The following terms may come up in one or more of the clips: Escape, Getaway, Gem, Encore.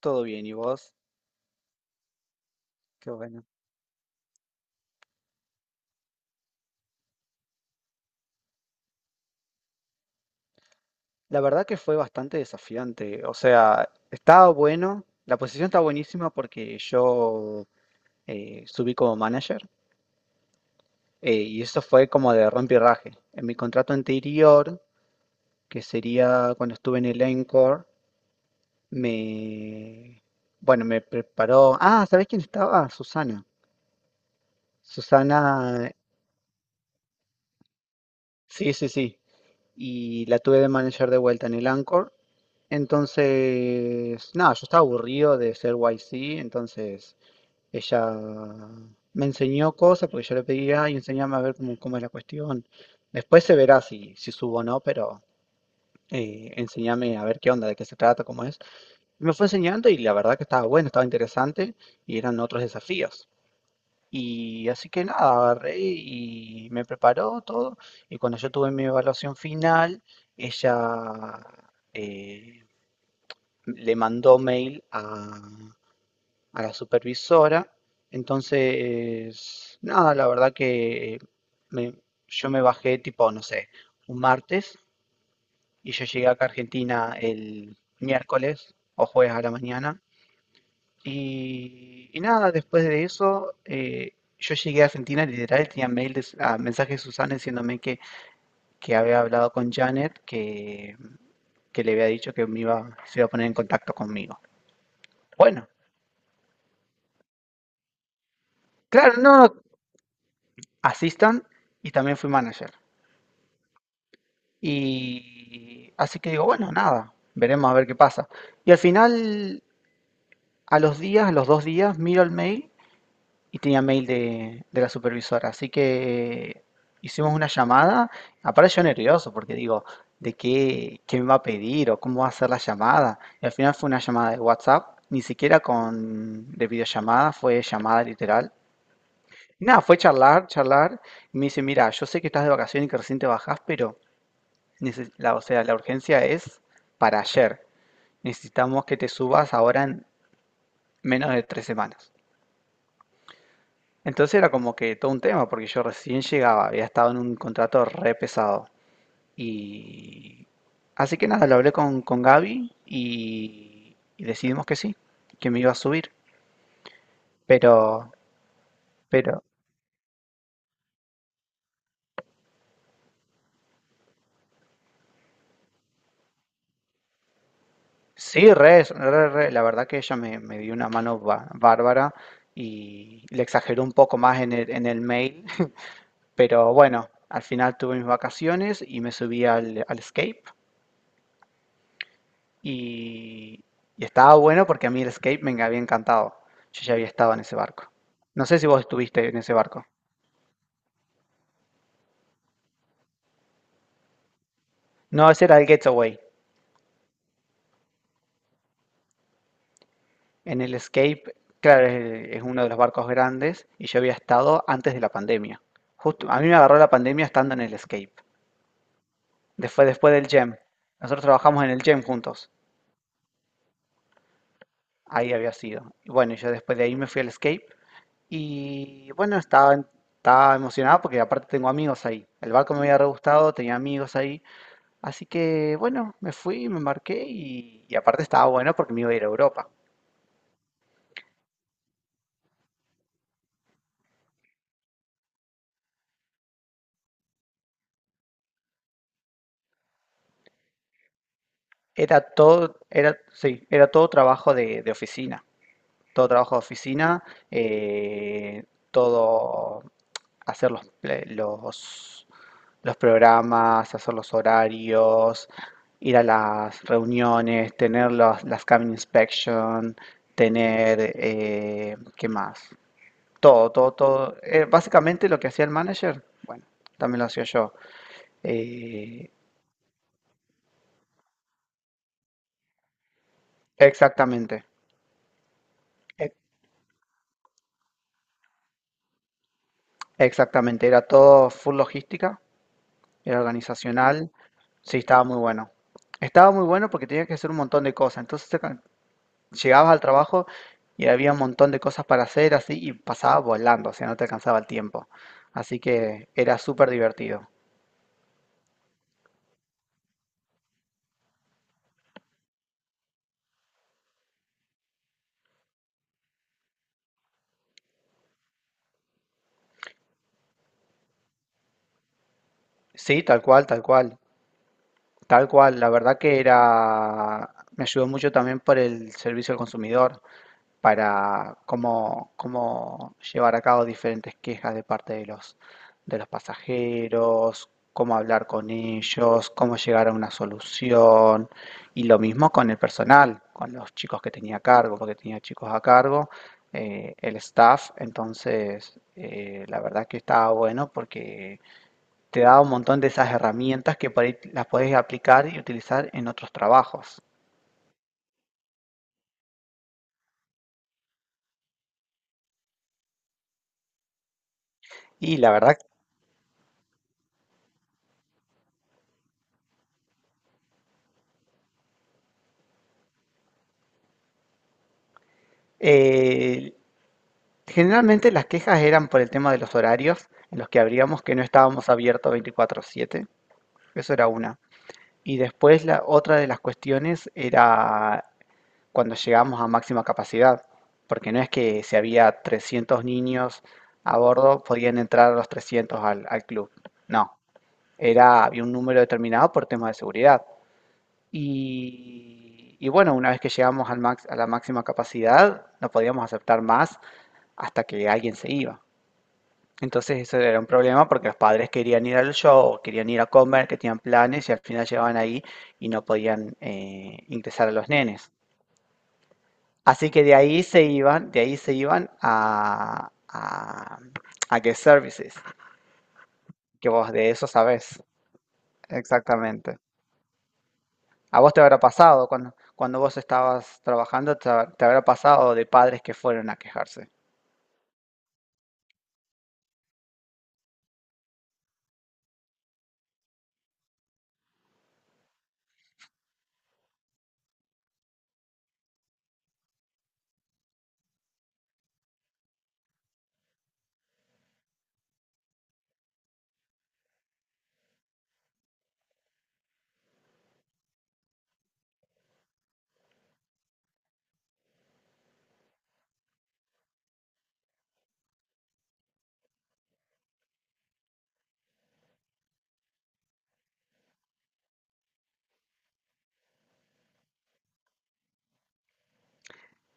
Todo bien, ¿y vos? Qué bueno. La verdad que fue bastante desafiante. O sea, estaba bueno. La posición está buenísima porque yo subí como manager y eso fue como de rompirraje. En mi contrato anterior, que sería cuando estuve en el Encore, me... Bueno, me preparó... Ah, ¿sabés quién estaba? Susana. Susana... Sí, sí, sí. Y la tuve de manager de vuelta en el Encore. Entonces, nada, yo estaba aburrido de ser YC, entonces ella me enseñó cosas porque yo le pedía y enseñame a ver cómo, cómo es la cuestión. Después se verá si subo o no, pero enseñame a ver qué onda, de qué se trata, cómo es. Y me fue enseñando y la verdad que estaba bueno, estaba interesante y eran otros desafíos. Y así que nada, agarré y me preparó todo. Y cuando yo tuve mi evaluación final, ella eh, le mandó mail a la supervisora. Entonces, nada, la verdad que me- yo me bajé tipo, no sé, un martes y yo llegué acá a Argentina el miércoles o jueves a la mañana. Y nada, después de eso, yo llegué a Argentina, literal, tenía mail de, ah, mensaje de Susana diciéndome que había hablado con Janet, que le había dicho que me iba, se iba a poner en contacto conmigo. Bueno, claro, no, no, assistant y también fui manager. Y así que digo, bueno, nada, veremos a ver qué pasa. Y al final, a los días, a los 2 días, miro el mail y tenía mail de la supervisora. Así que hicimos una llamada. Aparte yo nervioso porque digo, ¿de qué, qué me va a pedir o cómo va a ser la llamada? Y al final fue una llamada de WhatsApp, ni siquiera con de videollamada, fue llamada literal. Y nada, fue charlar, charlar. Y me dice, mira, yo sé que estás de vacaciones y que recién te bajás, pero o sea, la urgencia es para ayer. Necesitamos que te subas ahora en menos de 3 semanas. Entonces era como que todo un tema, porque yo recién llegaba, había estado en un contrato re pesado. Y así que nada, lo hablé con Gaby y decidimos que sí, que me iba a subir. Pero, pero, sí, re, re, re, la verdad que ella me dio una mano bárbara y le exageró un poco más en en el mail. Pero bueno, al final tuve mis vacaciones y me subí al Escape y, y estaba bueno porque a mí el Escape me había encantado. Yo ya había estado en ese barco. No sé si vos estuviste en ese barco. No, ese era el Getaway. En el Escape, claro, es uno de los barcos grandes y yo había estado antes de la pandemia. Justo, a mí me agarró la pandemia estando en el Escape. Después, después del Gem. Nosotros trabajamos en el Gem juntos. Ahí había sido. Y bueno, yo después de ahí me fui al Escape. Y bueno, estaba emocionado porque aparte tengo amigos ahí. El barco me había re gustado, tenía amigos ahí. Así que bueno, me fui, me embarqué y aparte estaba bueno porque me iba a ir a Europa. Sí, era todo trabajo de oficina. Todo trabajo de oficina, eh, todo hacer los programas, hacer los horarios, ir a las reuniones, tener las cabin inspection, tener, ¿qué más? Todo, todo, todo. Básicamente lo que hacía el manager, bueno, también lo hacía yo. Eh, exactamente, ex- exactamente. Era todo full logística, era organizacional. Sí, estaba muy bueno. Estaba muy bueno porque tenía que hacer un montón de cosas. Llegabas al trabajo y había un montón de cosas para hacer así y pasaba volando, o sea, no te alcanzaba el tiempo. Así que era súper divertido. Sí, tal cual, tal cual, tal cual. La verdad que era, me ayudó mucho también por el servicio al consumidor, para cómo, cómo llevar a cabo diferentes quejas de parte de de los pasajeros, cómo hablar con ellos, cómo llegar a una solución. Y lo mismo con el personal, con los chicos que tenía a cargo, porque tenía chicos a cargo, el staff. Entonces, la verdad que estaba bueno porque te da un montón de esas herramientas que por ahí las podés aplicar y utilizar en otros trabajos. Y la verdad, eh, generalmente las quejas eran por el tema de los horarios, en los que abríamos, que no estábamos abiertos 24/7, eso era una. Y después la otra de las cuestiones era cuando llegamos a máxima capacidad, porque no es que si había 300 niños a bordo podían entrar los 300 al club, no, había un número determinado por tema de seguridad. Y bueno, una vez que llegamos a la máxima capacidad, no podíamos aceptar más hasta que alguien se iba. Entonces eso era un problema porque los padres querían ir al show, o querían ir a comer, que tenían planes y al final llegaban ahí y no podían ingresar a los nenes. Así que de ahí se iban, de ahí se iban a guest services, que vos de eso sabés exactamente. A vos te habrá pasado, cuando vos estabas trabajando, te habrá pasado de padres que fueron a quejarse.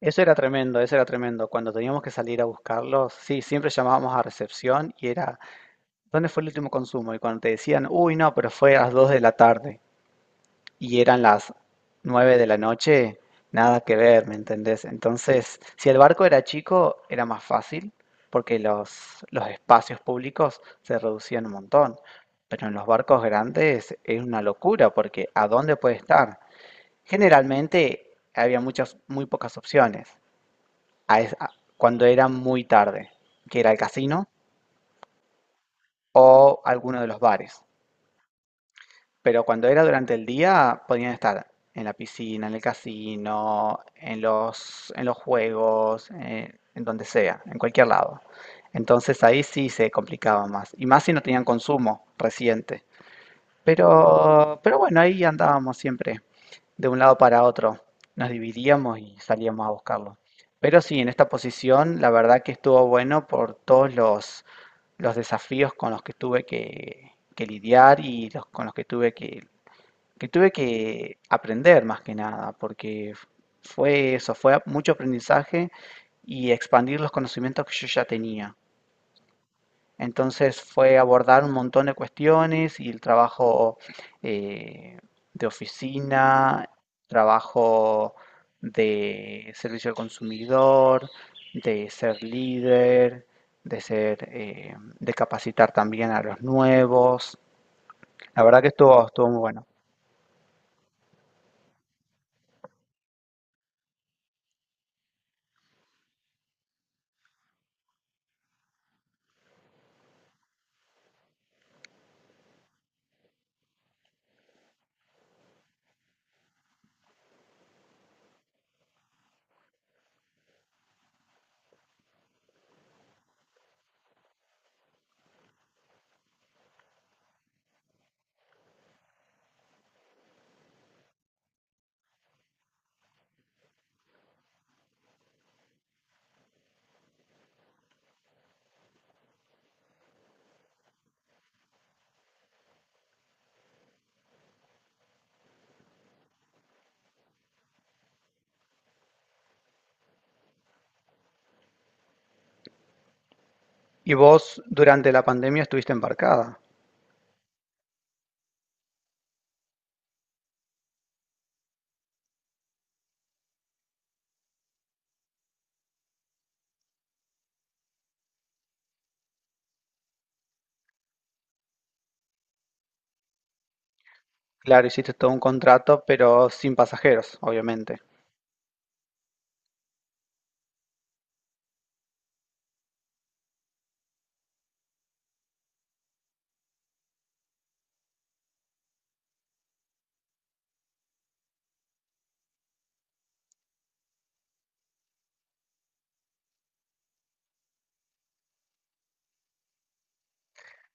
Eso era tremendo, eso era tremendo. Cuando teníamos que salir a buscarlos, sí, siempre llamábamos a recepción y era... ¿Dónde fue el último consumo? Y cuando te decían, uy, no, pero fue a las 2 de la tarde y eran las 9 de la noche, nada que ver, ¿me entendés? Entonces, si el barco era chico, era más fácil porque los espacios públicos se reducían un montón. Pero en los barcos grandes es una locura porque ¿a dónde puede estar? Generalmente había muchas, muy pocas opciones a es- a- cuando era muy tarde, que era el casino o alguno de los bares. Pero cuando era durante el día, podían estar en la piscina, en el casino, en los juegos, en donde sea, en cualquier lado. Entonces ahí sí se complicaba más. Y más si no tenían consumo reciente. Pero bueno, ahí andábamos siempre, de un lado para otro. Nos dividíamos y salíamos a buscarlo. Pero sí, en esta posición, la verdad que estuvo bueno por todos los desafíos con los que tuve que lidiar y con los que tuve que aprender más que nada, porque fue eso, fue mucho aprendizaje y expandir los conocimientos que yo ya tenía. Entonces fue abordar un montón de cuestiones y el trabajo eh, de oficina, trabajo de servicio al consumidor, de ser líder, de ser, eh, de capacitar también a los nuevos. La verdad que estuvo, estuvo muy bueno. Y vos durante la pandemia estuviste embarcada. Claro, hiciste todo un contrato, pero sin pasajeros, obviamente.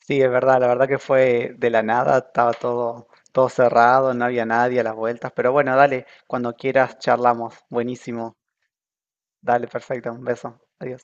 Sí, es verdad, la verdad que fue de la nada, estaba todo, todo cerrado, no había nadie a las vueltas, pero bueno, dale, cuando quieras charlamos. Buenísimo. Dale, perfecto, un beso. Adiós.